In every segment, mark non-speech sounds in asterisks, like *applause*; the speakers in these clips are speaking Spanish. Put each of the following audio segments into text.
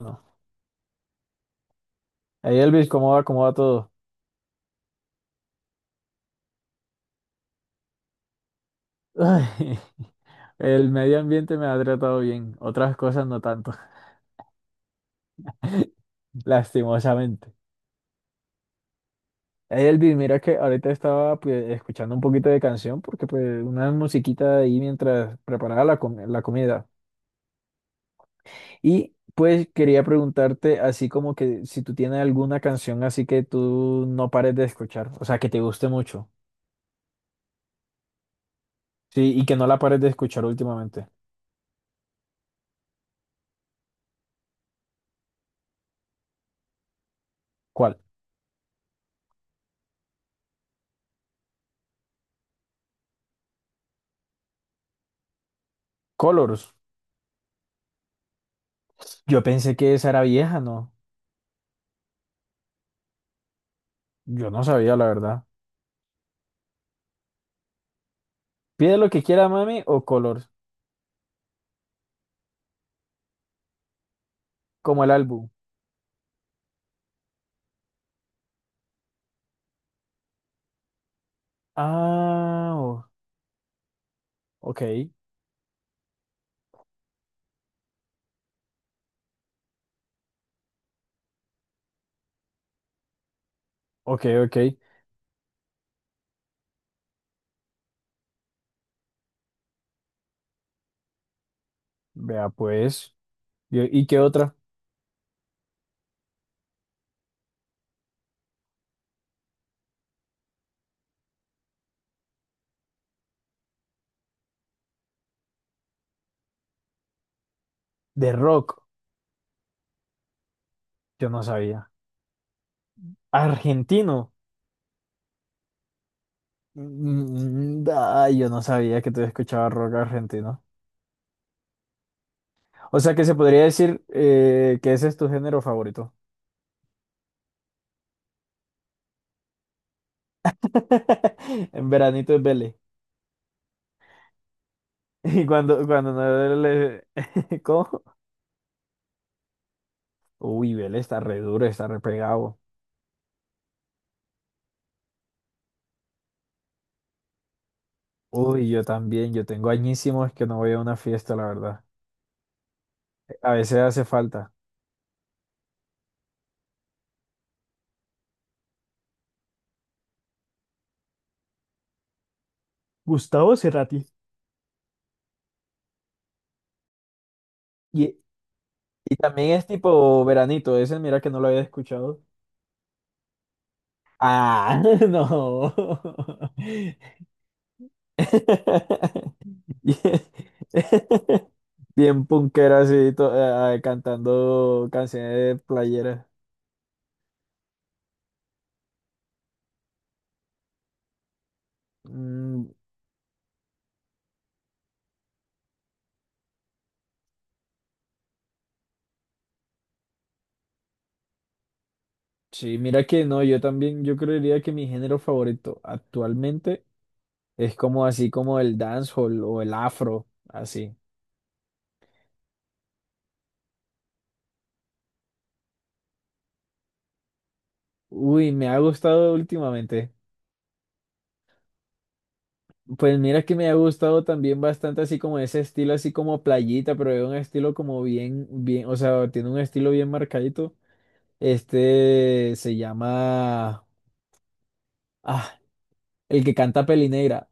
No, hey Elvis, ¿cómo va? ¿Cómo va todo? Ay, *laughs* el medio ambiente me ha tratado bien, otras cosas no tanto, *laughs* lastimosamente. Hey Elvis, mira que ahorita estaba pues, escuchando un poquito de canción porque pues una musiquita ahí mientras preparaba la comida. Y pues quería preguntarte así como que si tú tienes alguna canción así que tú no pares de escuchar, o sea, que te guste mucho, sí, y que no la pares de escuchar últimamente. ¿Cuál? Colors. Yo pensé que esa era vieja, ¿no? Yo no sabía, la verdad. Pide lo que quiera, mami, o color, como el álbum. Ah, o- ok, ok, ok. Vea, pues. ¿Y qué otra? De rock, yo no sabía. Argentino. Mm, ah, yo no sabía que tú escuchabas rock argentino. O sea que se podría decir que ese es tu género favorito. *laughs* En veranito es Vélez. *laughs* Y cuando, cuando no le... *laughs* ¿Cómo? Uy, Vélez está re duro, está re pegado. Uy, yo también, yo tengo añísimos que no voy a una fiesta, la verdad. A veces hace falta. Gustavo Cerati. Y, y también es tipo veranito, ese mira que no lo había escuchado. Ah, *laughs* no. *laughs* Bien punkera así, cantando canciones de playera. Mm, sí, mira que no, yo también, yo creería que mi género favorito actualmente es como así como el dancehall o el afro, así. Uy, me ha gustado últimamente. Pues mira que me ha gustado también bastante así como ese estilo, así como playita, pero es un estilo como bien, o sea, tiene un estilo bien marcadito. Este se llama, ah, el que canta Pelinegra,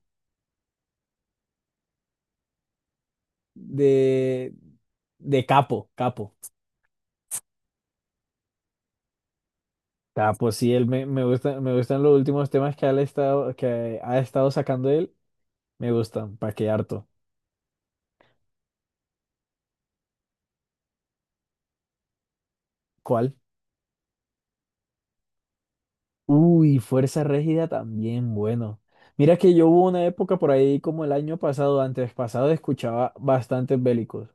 de, de Capo. Capo, sí, me gusta, me gustan los últimos temas que ha estado sacando él, me gustan, pa' que harto. ¿Cuál? Uy, Fuerza Régida también, bueno. Mira que yo hubo una época por ahí como el año pasado, antes pasado, escuchaba bastantes bélicos.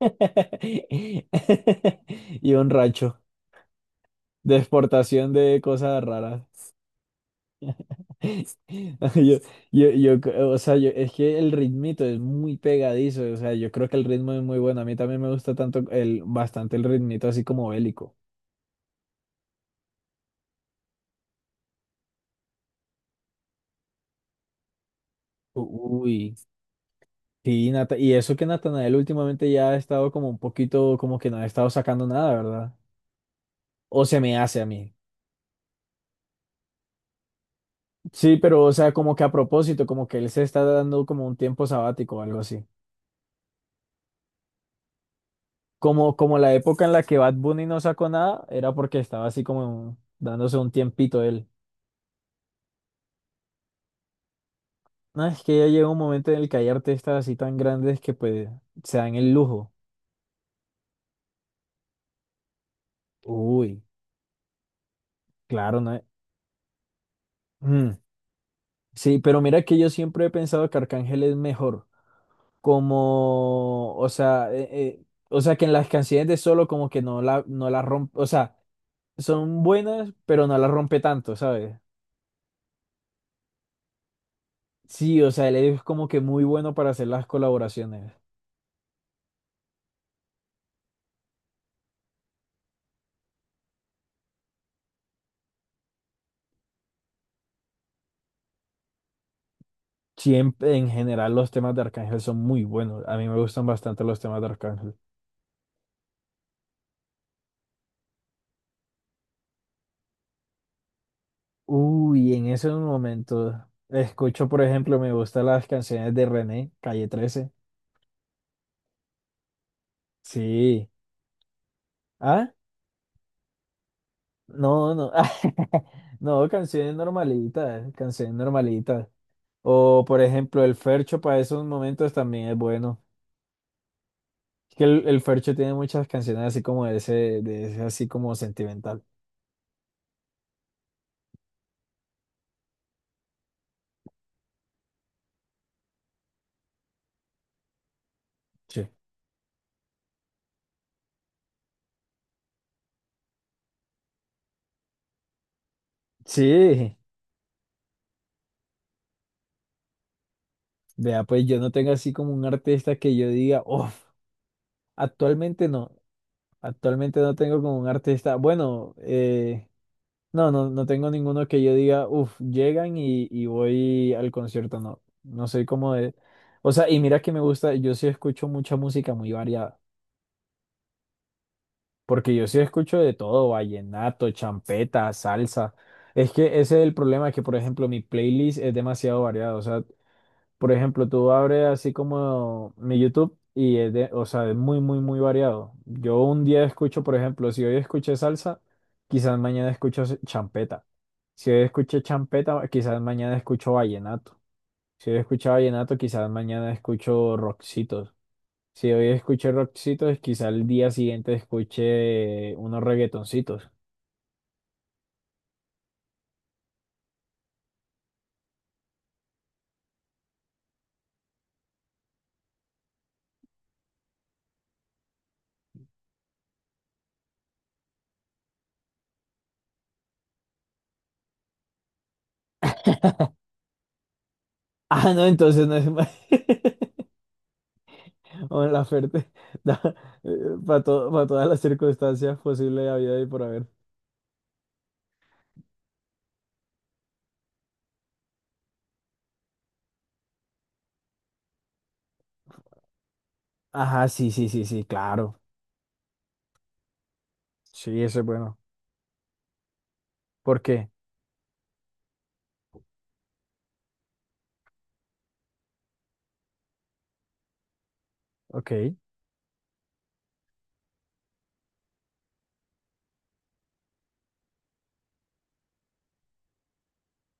*laughs* Y un racho de exportación de cosas raras. *laughs* Yo, yo, c- o sea, yo- Es que el ritmito es muy pegadizo, o sea, yo creo que el ritmo es muy bueno. A mí también me gusta bastante el ritmito así como bélico. U- Uy. Sí, y eso que Natanael últimamente ya ha estado como un poquito, como que no ha estado sacando nada, ¿verdad? O se me hace a mí. Sí, pero o sea, como que a propósito, como que él se está dando como un tiempo sabático o algo así. Como, como la época en la que Bad Bunny no sacó nada, era porque estaba así como dándose un tiempito él. No, es que ya llega un momento en el que hay artistas así tan grandes que pues se dan el lujo. Uy, claro, no es- Mm. Sí, pero mira que yo siempre he pensado que Arcángel es mejor. Como, o sea, que en las canciones de Solo como que no la rompe, o sea, son buenas, pero no la rompe tanto, ¿sabes? Sí, o sea, él es como que muy bueno para hacer las colaboraciones. Siempre, en general, los temas de Arcángel son muy buenos. A mí me gustan bastante los temas de Arcángel. Uy, en esos momentos escucho, por ejemplo, me gustan las canciones de René, Calle trece. Sí. ¿Ah? No, no. *laughs* No, canciones normalitas, canciones normalitas. O por ejemplo, el Fercho para esos momentos también es bueno. Es que el Fercho tiene muchas canciones así como de ese así como sentimental. Sí. Sí, vea, pues yo no tengo así como un artista que yo diga, uff, actualmente no, actualmente no tengo como un artista, no, no, no tengo ninguno que yo diga, uff, llegan y voy al concierto, no, no soy como de, o sea, y mira que me gusta, yo sí escucho mucha música muy variada. Porque yo sí escucho de todo, vallenato, champeta, salsa. Es que ese es el problema, que por ejemplo mi playlist es demasiado variada. O sea, por ejemplo, tú abres así como mi YouTube y es de, o sea, es muy variado. Yo un día escucho, por ejemplo, si hoy escuché salsa, quizás mañana escucho champeta. Si hoy escuché champeta, quizás mañana escucho vallenato. Si hoy escuchaba vallenato, quizás mañana escucho rockcitos. Si hoy escuché rockcitos, quizás el día siguiente escuche unos reggaetoncitos. *laughs* Ah, no, entonces no es más. *laughs* Mon Laferte, para *laughs* todas las circunstancias posibles de vida y por haber. Ajá, sí, sí, sí, sí, claro. Sí, eso es bueno. ¿Por qué? Ok.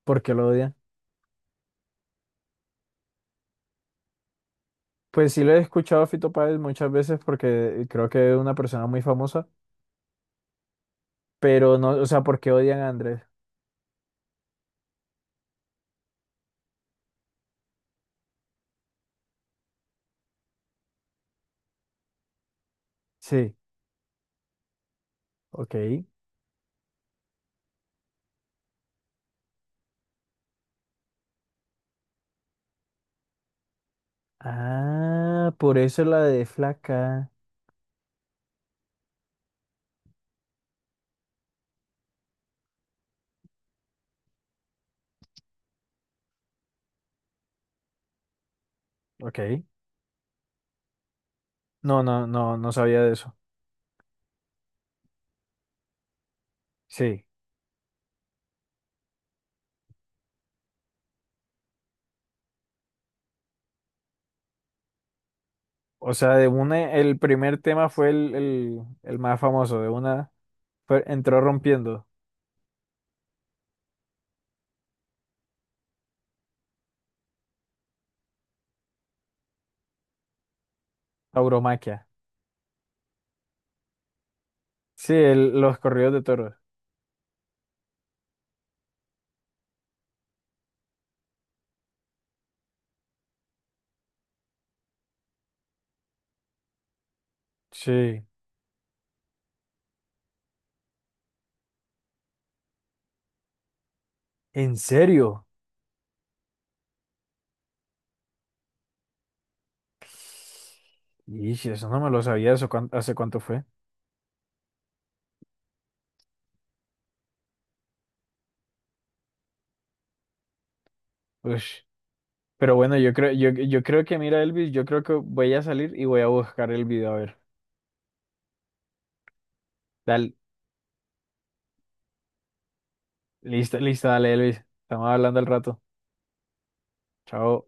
¿Por qué lo odian? Pues sí lo he escuchado a Fito Páez muchas veces porque creo que es una persona muy famosa, pero no, o sea, ¿por qué odian a Andrés? Sí, ok. Ah, por eso la de flaca. Ok. No, no, no, no sabía de eso. Sí. O sea, de una, el primer tema fue el más famoso, de una, entró rompiendo. Tauromaquia. Sí, los corridos de toros. Sí. ¿En serio? Y eso no me lo sabía, hace cuánto fue? Ush. Pero bueno, yo creo, yo creo que, mira, Elvis, yo creo que voy a salir y voy a buscar el video. A ver, dale, lista, lista, dale, Elvis. Estamos hablando al rato. Chao.